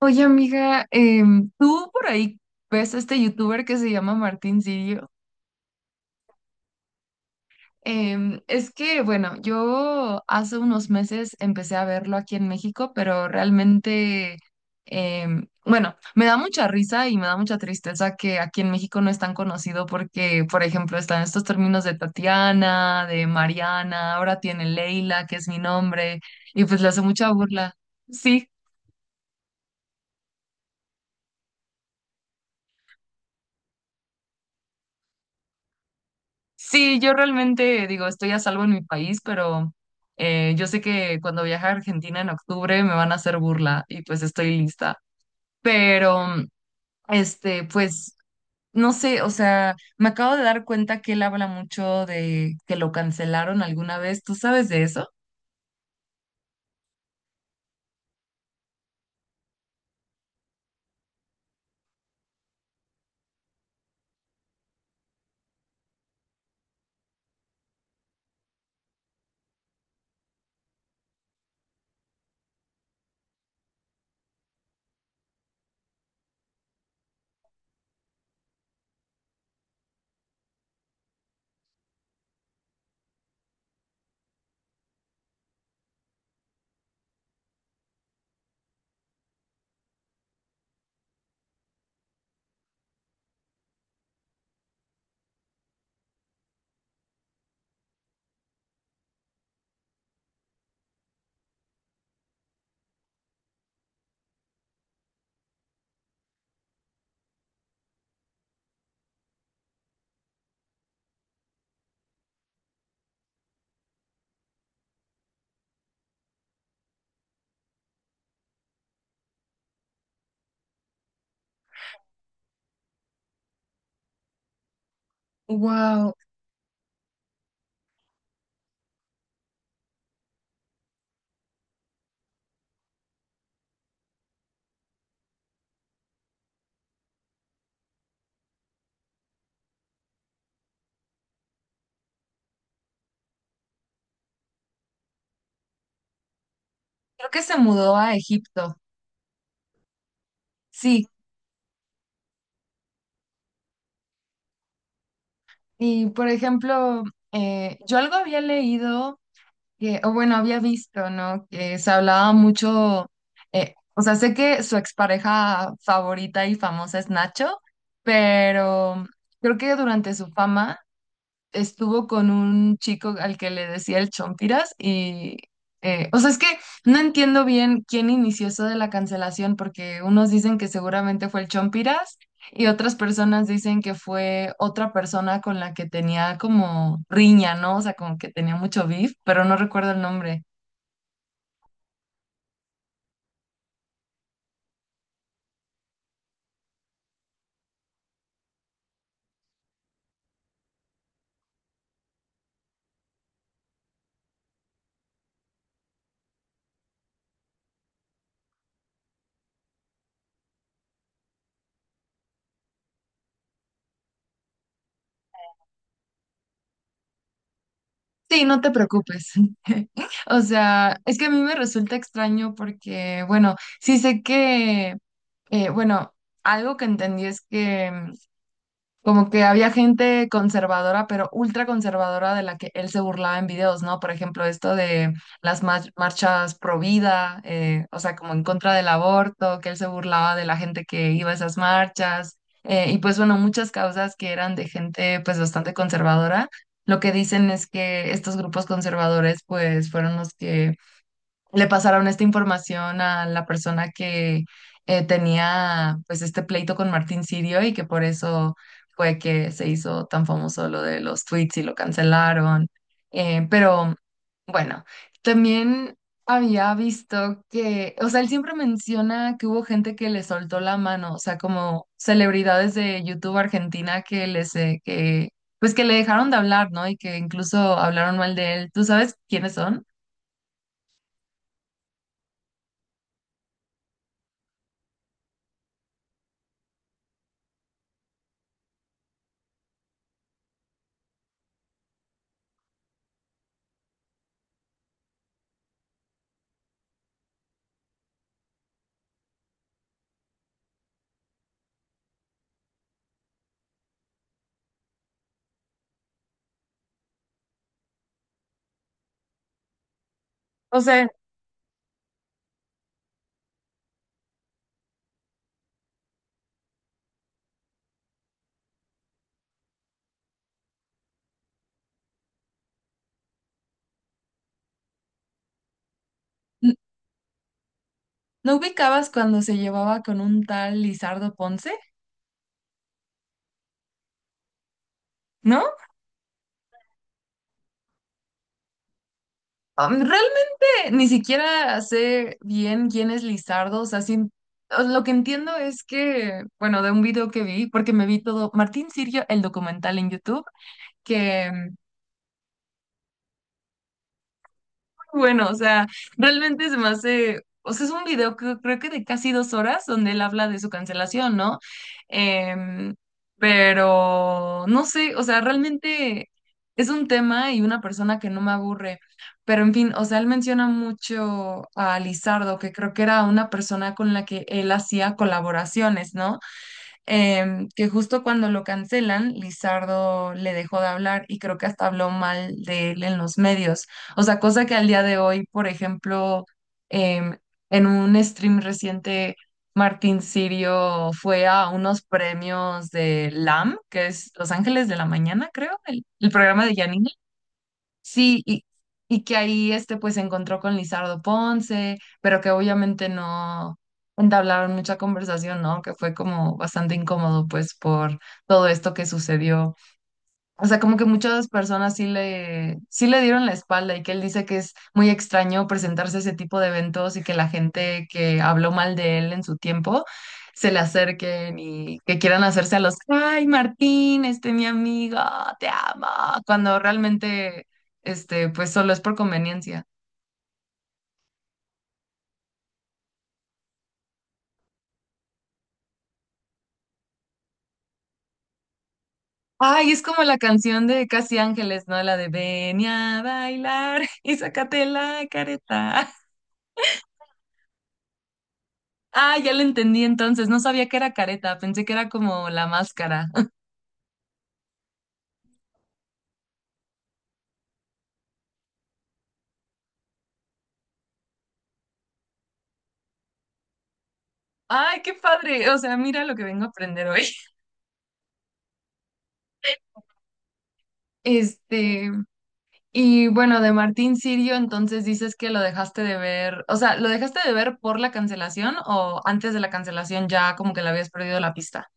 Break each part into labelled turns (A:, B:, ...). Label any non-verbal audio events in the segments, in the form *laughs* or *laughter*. A: Oye, amiga, tú por ahí ves a este youtuber que se llama Martín Sirio. Yo hace unos meses empecé a verlo aquí en México, pero realmente, me da mucha risa y me da mucha tristeza que aquí en México no es tan conocido porque, por ejemplo, están estos términos de Tatiana, de Mariana, ahora tiene Leila, que es mi nombre, y pues le hace mucha burla. Sí. Sí, yo realmente digo, estoy a salvo en mi país, pero yo sé que cuando viaje a Argentina en octubre me van a hacer burla y pues estoy lista. Pero, este, pues, no sé, o sea, me acabo de dar cuenta que él habla mucho de que lo cancelaron alguna vez. ¿Tú sabes de eso? Wow, creo que se mudó a Egipto. Sí, y por ejemplo, yo algo había leído que, o bueno, había visto, ¿no? Que se hablaba mucho, o sea, sé que su expareja favorita y famosa es Nacho, pero creo que durante su fama estuvo con un chico al que le decía el Chompiras o sea, es que no entiendo bien quién inició eso de la cancelación porque unos dicen que seguramente fue el Chompiras y otras personas dicen que fue otra persona con la que tenía como riña, ¿no? O sea, como que tenía mucho beef, pero no recuerdo el nombre. Sí, no te preocupes. *laughs* O sea, es que a mí me resulta extraño porque, bueno, sí sé que, bueno, algo que entendí es que como que había gente conservadora, pero ultra conservadora de la que él se burlaba en videos, ¿no? Por ejemplo, esto de las marchas pro vida, o sea, como en contra del aborto, que él se burlaba de la gente que iba a esas marchas, y pues bueno, muchas causas que eran de gente pues bastante conservadora. Lo que dicen es que estos grupos conservadores pues fueron los que le pasaron esta información a la persona que tenía pues este pleito con Martín Sirio y que por eso fue que se hizo tan famoso lo de los tweets y lo cancelaron. Pero bueno, también había visto que, o sea, él siempre menciona que hubo gente que le soltó la mano, o sea, como celebridades de YouTube Argentina que pues que le dejaron de hablar, ¿no? Y que incluso hablaron mal de él. ¿Tú sabes quiénes son? No sé, ¿no ubicabas cuando se llevaba con un tal Lizardo Ponce? ¿No? Realmente ni siquiera sé bien quién es Lizardo, o sea, o lo que entiendo es que, bueno, de un video que vi, porque me vi todo, Martín Sirio, el documental en YouTube, que bueno, o sea, realmente se me hace, o sea, es un video que creo que de casi dos horas donde él habla de su cancelación, ¿no? Em, pero no sé, o sea, realmente es un tema y una persona que no me aburre, pero en fin, o sea, él menciona mucho a Lizardo, que creo que era una persona con la que él hacía colaboraciones, ¿no? Que justo cuando lo cancelan, Lizardo le dejó de hablar y creo que hasta habló mal de él en los medios. O sea, cosa que al día de hoy, por ejemplo, em, en un stream reciente, Martín Sirio fue a unos premios de LAM, que es Los Ángeles de la Mañana, creo, el programa de Yanina. Sí, y que ahí este pues se encontró con Lizardo Ponce, pero que obviamente no entablaron mucha conversación, ¿no? Que fue como bastante incómodo pues por todo esto que sucedió. O sea, como que muchas personas sí sí le dieron la espalda y que él dice que es muy extraño presentarse a ese tipo de eventos y que la gente que habló mal de él en su tiempo se le acerquen y que quieran hacerse a los, ay, Martín, este mi amigo, te amo, cuando realmente, este, pues solo es por conveniencia. Ay, es como la canción de Casi Ángeles, ¿no? La de Ven a bailar y sácate la careta. Ah, ya lo entendí entonces. No sabía que era careta, pensé que era como la máscara. *laughs* Ay, qué padre. O sea, mira lo que vengo a aprender hoy. *laughs* Este, y bueno, de Martín Sirio, entonces dices que lo dejaste de ver, o sea, ¿lo dejaste de ver por la cancelación o antes de la cancelación ya como que le habías perdido la pista?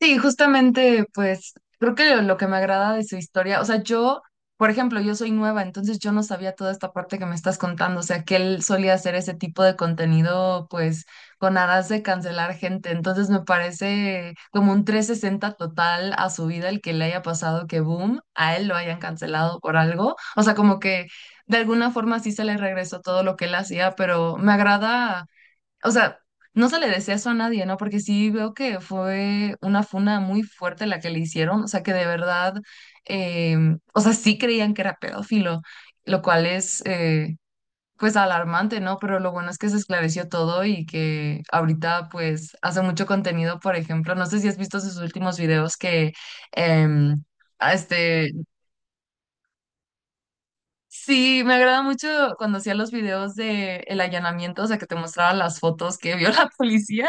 A: Sí, justamente, pues creo que lo que me agrada de su historia, o sea, yo, por ejemplo, yo soy nueva, entonces yo no sabía toda esta parte que me estás contando, o sea, que él solía hacer ese tipo de contenido, pues, con aras de cancelar gente, entonces me parece como un trescientos sesenta total a su vida el que le haya pasado que, boom, a él lo hayan cancelado por algo, o sea, como que de alguna forma sí se le regresó todo lo que él hacía, pero me agrada. O sea, no se le desea eso a nadie, ¿no? Porque sí veo que fue una funa muy fuerte la que le hicieron, o sea, que de verdad, eh, o sea, sí creían que era pedófilo, lo cual es, pues, alarmante, ¿no? Pero lo bueno es que se esclareció todo y que ahorita, pues, hace mucho contenido, por ejemplo, no sé si has visto sus últimos videos que, em, a Este, sí, me agrada mucho cuando hacía los videos de el allanamiento, o sea, que te mostraba las fotos que vio la policía.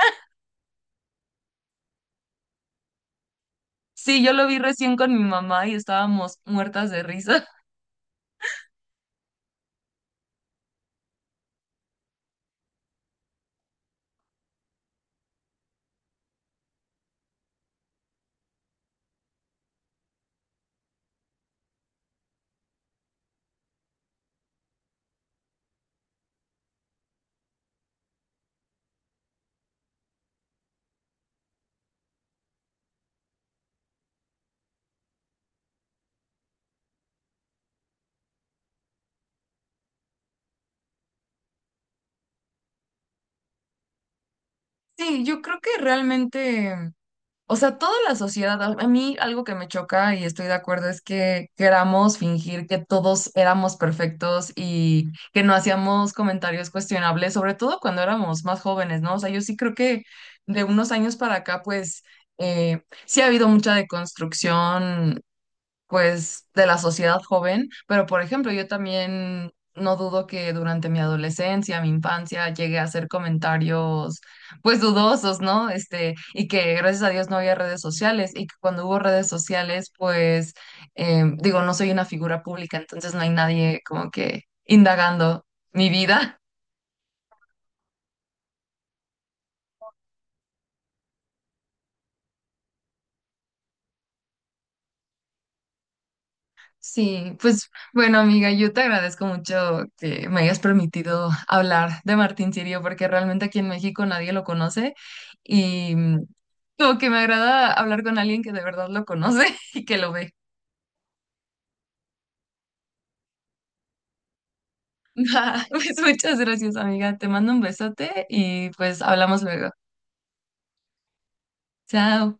A: Sí, yo lo vi recién con mi mamá y estábamos muertas de risa. *laughs* Sí, yo creo que realmente, o sea, toda la sociedad, a mí algo que me choca y estoy de acuerdo es que queramos fingir que todos éramos perfectos y que no hacíamos comentarios cuestionables, sobre todo cuando éramos más jóvenes, ¿no? O sea, yo sí creo que de unos años para acá, pues, sí ha habido mucha deconstrucción pues, de la sociedad joven, pero por ejemplo, yo también no dudo que durante mi adolescencia, mi infancia, llegué a hacer comentarios, pues, dudosos, ¿no? Este, y que gracias a Dios no había redes sociales y que cuando hubo redes sociales, pues, digo, no soy una figura pública, entonces no hay nadie como que indagando mi vida. Sí, pues bueno, amiga, yo te agradezco mucho que me hayas permitido hablar de Martín Sirio, porque realmente aquí en México nadie lo conoce y mm, como que me agrada hablar con alguien que de verdad lo conoce *laughs* y que lo ve. *laughs* Pues muchas gracias, amiga. Te mando un besote y pues hablamos luego. Chao.